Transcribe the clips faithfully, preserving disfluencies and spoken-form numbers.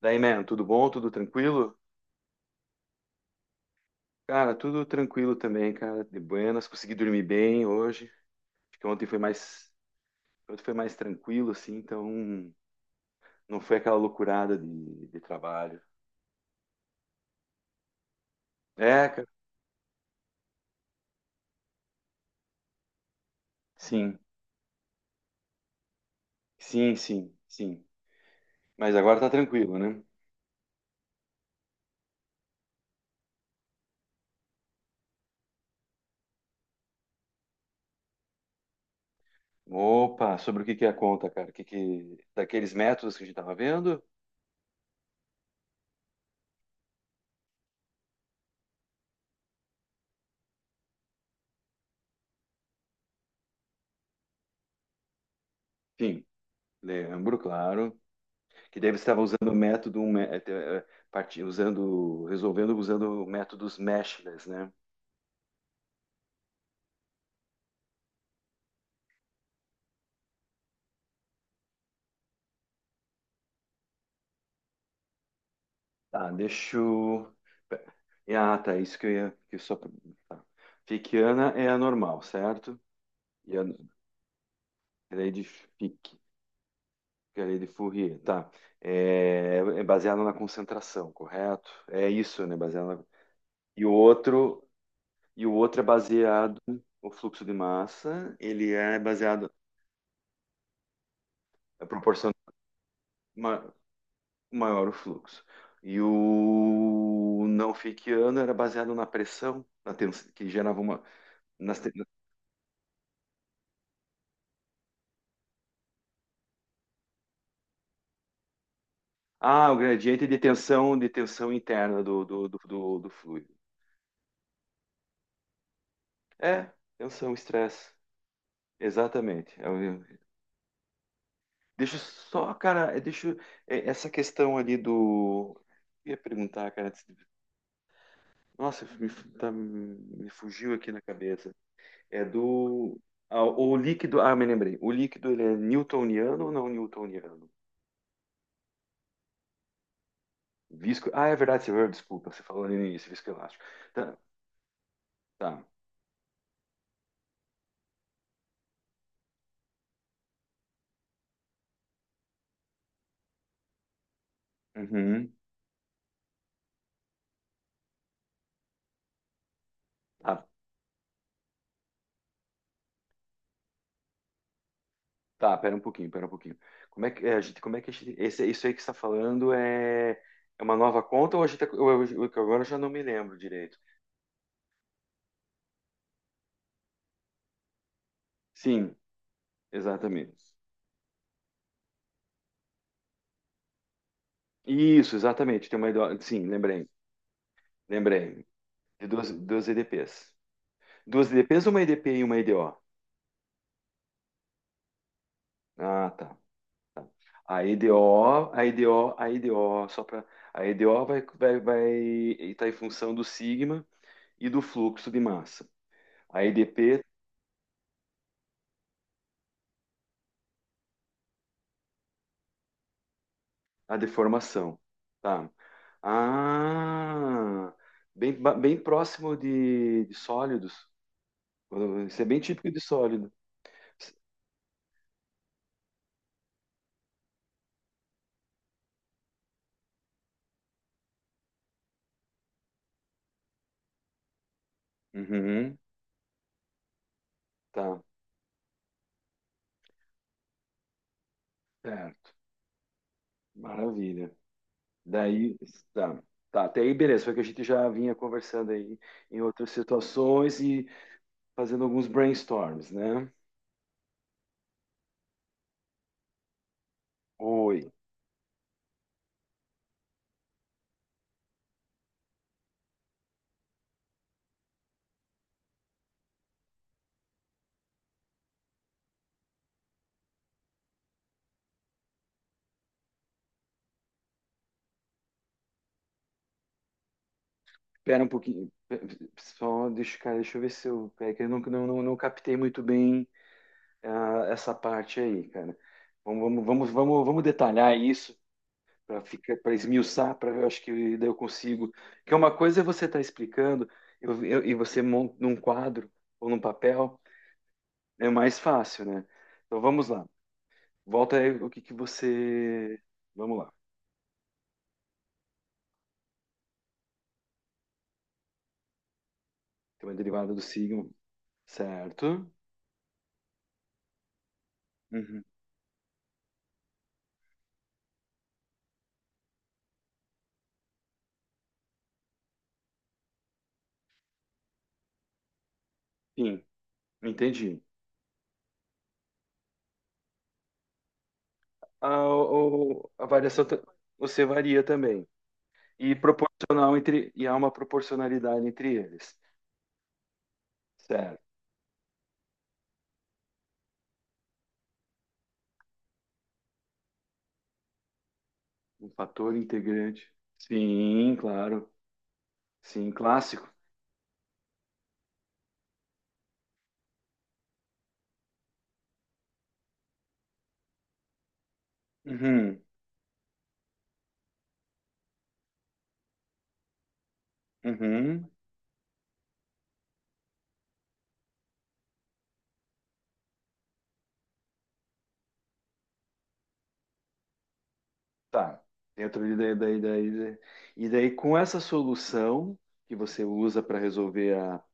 Daí, mano, tudo bom? Tudo tranquilo? Cara, tudo tranquilo também, cara. De buenas, consegui dormir bem hoje. Acho que ontem foi mais, ontem foi mais tranquilo, assim, então não foi aquela loucurada de, de trabalho. É, cara. Sim, sim, sim, sim. Mas agora tá tranquilo, né? Opa, sobre o que que é a conta, cara? O que que... Daqueles métodos que a gente tava vendo? Sim, lembro, claro. Que daí você estava usando o método, um mé- eh, eh, parti- usando, resolvendo usando métodos meshless, né? Tá, deixa eu... pe- ah, tá, isso que eu ia... Que eu só... tá. Fickiana é a normal, certo? E a lei de Fick, que é a lei de Fourier, tá. É, é baseado na concentração, correto? É isso, né? Baseado na... E o outro... E o outro é baseado no fluxo de massa, ele é baseado... É proporção ma- maior o fluxo. E o não Fickiano era baseado na pressão, na tens... que gerava uma... nas te- ah, o gradiente de tensão, de tensão interna do, do, do, do- do fluido. É, tensão, estresse. Exatamente. É o- Deixa eu só, cara, é, deixa eu- é, essa questão ali do. Eu ia perguntar, cara. Nossa, me, fu- tá- me fugiu aqui na cabeça. É do. Ah, o líquido. Ah, me lembrei. O líquido, ele é newtoniano ou não newtoniano? Visco. Ah, é verdade, senhor. Desculpa, você falou ali no início, viscoelástico. Tá. Tá. Uhum. Tá. Tá, pera um pouquinho, pera um pouquinho. Como é que é, a gente, como é que a gente, esse, isso aí que você está falando é, é uma nova conta ou a gente, tá- eu, eu, eu- que agora eu já não me lembro direito. Sim, exatamente. Isso, exatamente. Tem uma, I D O sim, lembrei, lembrei. De duas, duas E D Ps. Duas E D Ps, uma E D P e uma EDO. Ah, tá. A EDO, a EDO, a EDO, só para a EDO vai vai vai estar em função do sigma e do fluxo de massa. A E D P a deformação. Tá. Ah, bem, ba- bem próximo de, de sólidos. Isso é bem típico de sólido. Uhum, tá, certo. Maravilha. Daí, tá. Tá, até aí, beleza. Foi o que a gente já vinha conversando aí em outras situações e fazendo alguns brainstorms, né? Oi, espera um pouquinho. Pe- Só deixa, cara, deixa eu ver se eu. É que eu não, não, não, não captei muito bem ah, essa parte aí, cara. Vamos, vamos, vamos, vamos vamos detalhar isso para ficar, para esmiuçar, para eu acho que daí eu consigo. Que é uma coisa é você estar explicando eu- eu- e você monta num quadro ou num papel, é mais fácil, né? Então vamos lá. Volta aí o que que você. Vamos lá. Tem uma derivada do signo, certo? Uhum. Sim, entendi. A, o- a variação ta- você varia também. E proporcional entre, e há uma proporcionalidade entre eles. Certo. Um fator integrante. Sim, claro. Sim, clássico. Uhum. Uhum. Tá. Dentro de daí, daí, daí, daí. E daí, com essa solução que você usa para resolver a,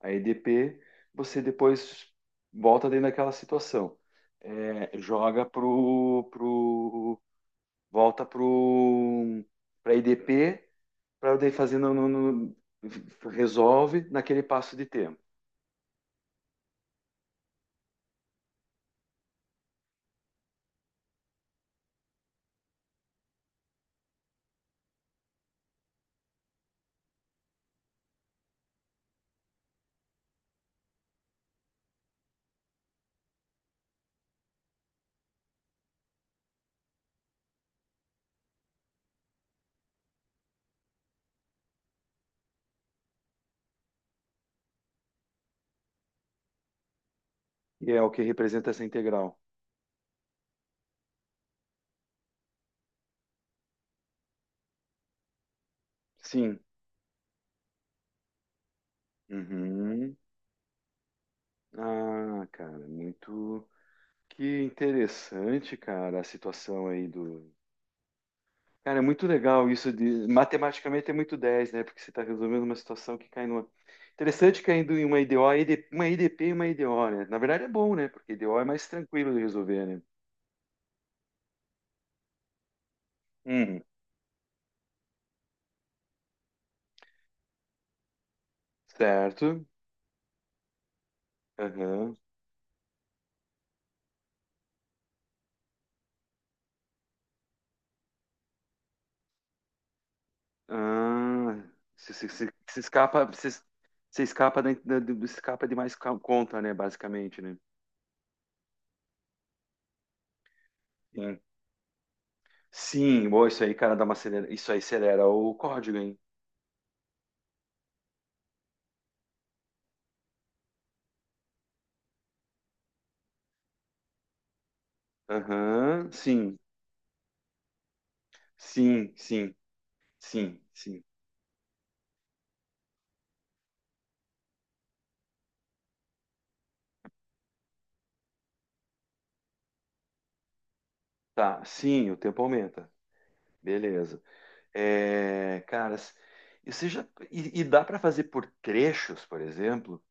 a E D P, você depois volta dentro daquela situação. É, joga pro, pro, volta pro, pra E D P, para daí fazer no, no, no- resolve naquele passo de tempo. E é o que representa essa integral. Sim. Uhum. Ah, cara, muito. Que interessante, cara, a situação aí do. Cara, é muito legal isso de. Matematicamente é muito dez, né? Porque você está resolvendo uma situação que cai numa. Interessante caindo em uma IDO, ID uma IDP e uma IDO, né? Na verdade é bom, né? Porque I D O é mais tranquilo de resolver, né? Hum, certo. Aham. Ah, se você- você- você escapa, você, se escapa, da, da- do- escapa de mais ca- conta, né? Basicamente, né? Sim, boa, isso aí, cara, dá uma acelera. Isso aí acelera o código, hein? Aham, sim, sim, sim, sim, sim. Tá, sim, o tempo aumenta. Beleza. É, caras, e você já e, e dá para fazer por trechos, por exemplo,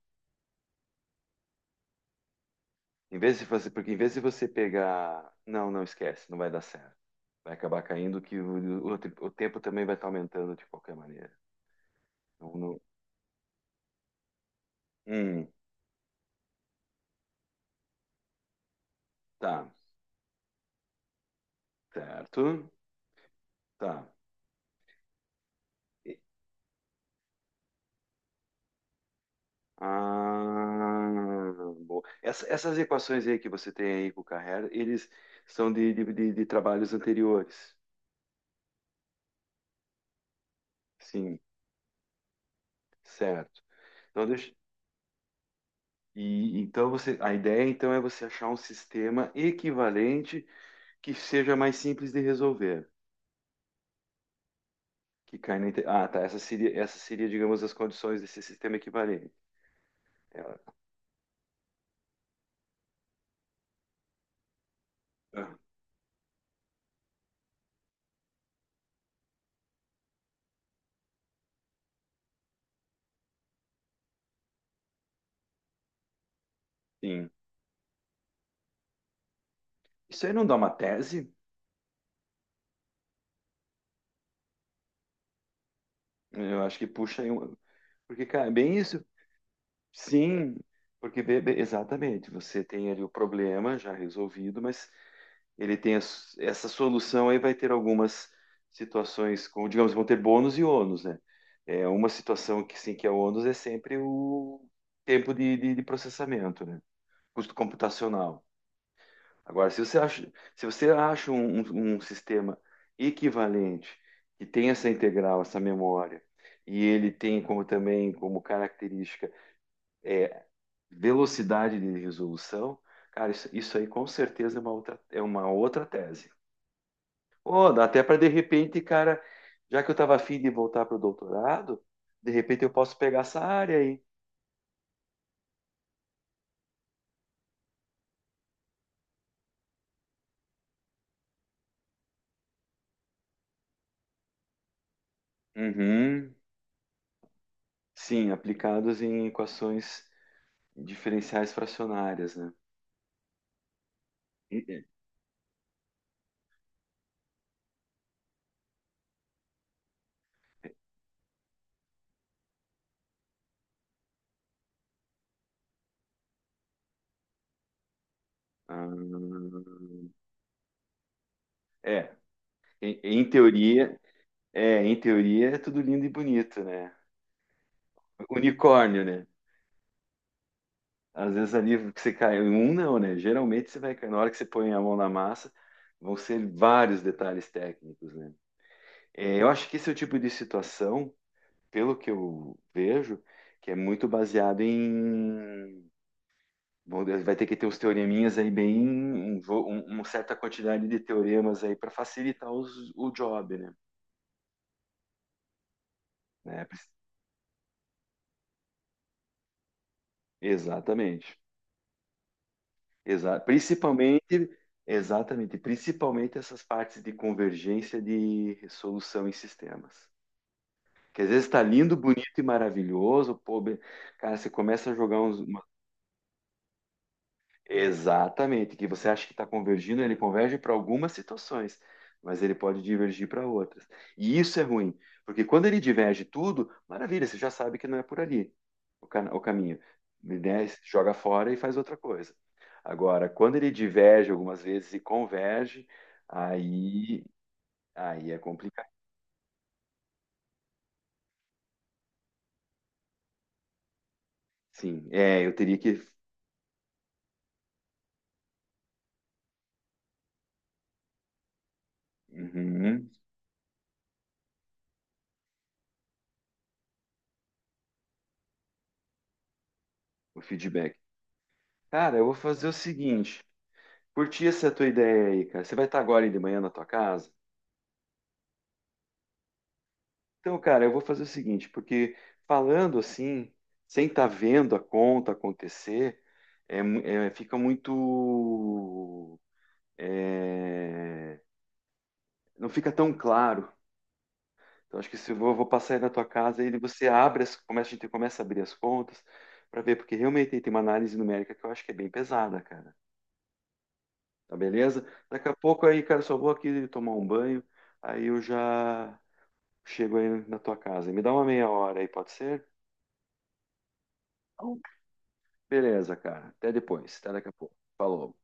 em vez de fazer, porque em vez de você pegar, não, não esquece, não vai dar certo. Vai acabar caindo que o, o, o tempo também vai estar aumentando de qualquer maneira. Não, não- Hum, tá, certo, tá. Ah, boa. Essa- essas equações aí que você tem aí com o Carrera, eles são de, de, de- de trabalhos anteriores. Sim, certo. Então, deixa, e, então você, a ideia então é você achar um sistema equivalente que seja mais simples de resolver. Que cai na, inte- ah, tá. Essa seria, essa seria, digamos, as condições desse sistema equivalente. É, ah, sim. Isso aí não dá uma tese? Eu acho que puxa aí um. Porque, cara, é bem isso. Sim, porque be- be- exatamente, você tem ali o problema já resolvido, mas ele tem as- essa solução aí vai ter algumas situações com, digamos, vão ter bônus e ônus, né? É uma situação que sim que é ônus é sempre o tempo de, de, de processamento, né? Custo computacional. Agora, se você acha, se você acha um, um, um sistema equivalente que tem essa integral, essa memória, e ele tem como também como característica velocidade de resolução, cara, isso, isso aí com certeza é uma outra, é uma outra tese. Ou dá até para de repente, cara, já que eu estava afim de voltar para o doutorado, de repente eu posso pegar essa área aí. Uhum. Sim, aplicados em equações diferenciais fracionárias, né? E- ah, é, em, em teoria, é, em teoria é tudo lindo e bonito, né? Unicórnio, né? Às vezes ali que você cai, um não, né? Geralmente você vai, na hora que você põe a mão na massa, vão ser vários detalhes técnicos, né? É, eu acho que esse é o tipo de situação, pelo que eu vejo, que é muito baseado em. Bom, vai ter que ter os teoreminhas aí bem, um vo- um- uma certa quantidade de teoremas aí para facilitar os- o job, né? Né? Exatamente. Exa- Principalmente, exatamente, principalmente essas partes de convergência de resolução em sistemas. Que às vezes está lindo, bonito e maravilhoso, pô, be- cara, você começa a jogar uns, exatamente, que você acha que está convergindo, ele converge para algumas situações, mas ele pode divergir para outras. E isso é ruim, porque quando ele diverge tudo, maravilha, você já sabe que não é por ali o, ca- o caminho. Né? Joga fora e faz outra coisa. Agora, quando ele diverge algumas vezes e converge, aí, aí é complicado. Sim, é, eu teria que. Uhum, o feedback. Cara, eu vou fazer o seguinte: curti essa tua ideia aí, cara. Você vai estar agora de manhã na tua casa? Então, cara, eu vou fazer o seguinte, porque falando assim, sem estar vendo a conta acontecer, é mu- é, fica muito, é, não fica tão claro. Então, acho que se eu vou, vou passar aí na tua casa, ele você abre, as, começa, a gente começa a abrir as contas para ver, porque realmente tem uma análise numérica que eu acho que é bem pesada, cara. Tá beleza? Daqui a pouco aí, cara, só vou aqui tomar um banho, aí eu já chego aí na tua casa. Me dá uma meia hora aí, pode ser? Beleza, cara. Até depois. Até daqui a pouco. Falou.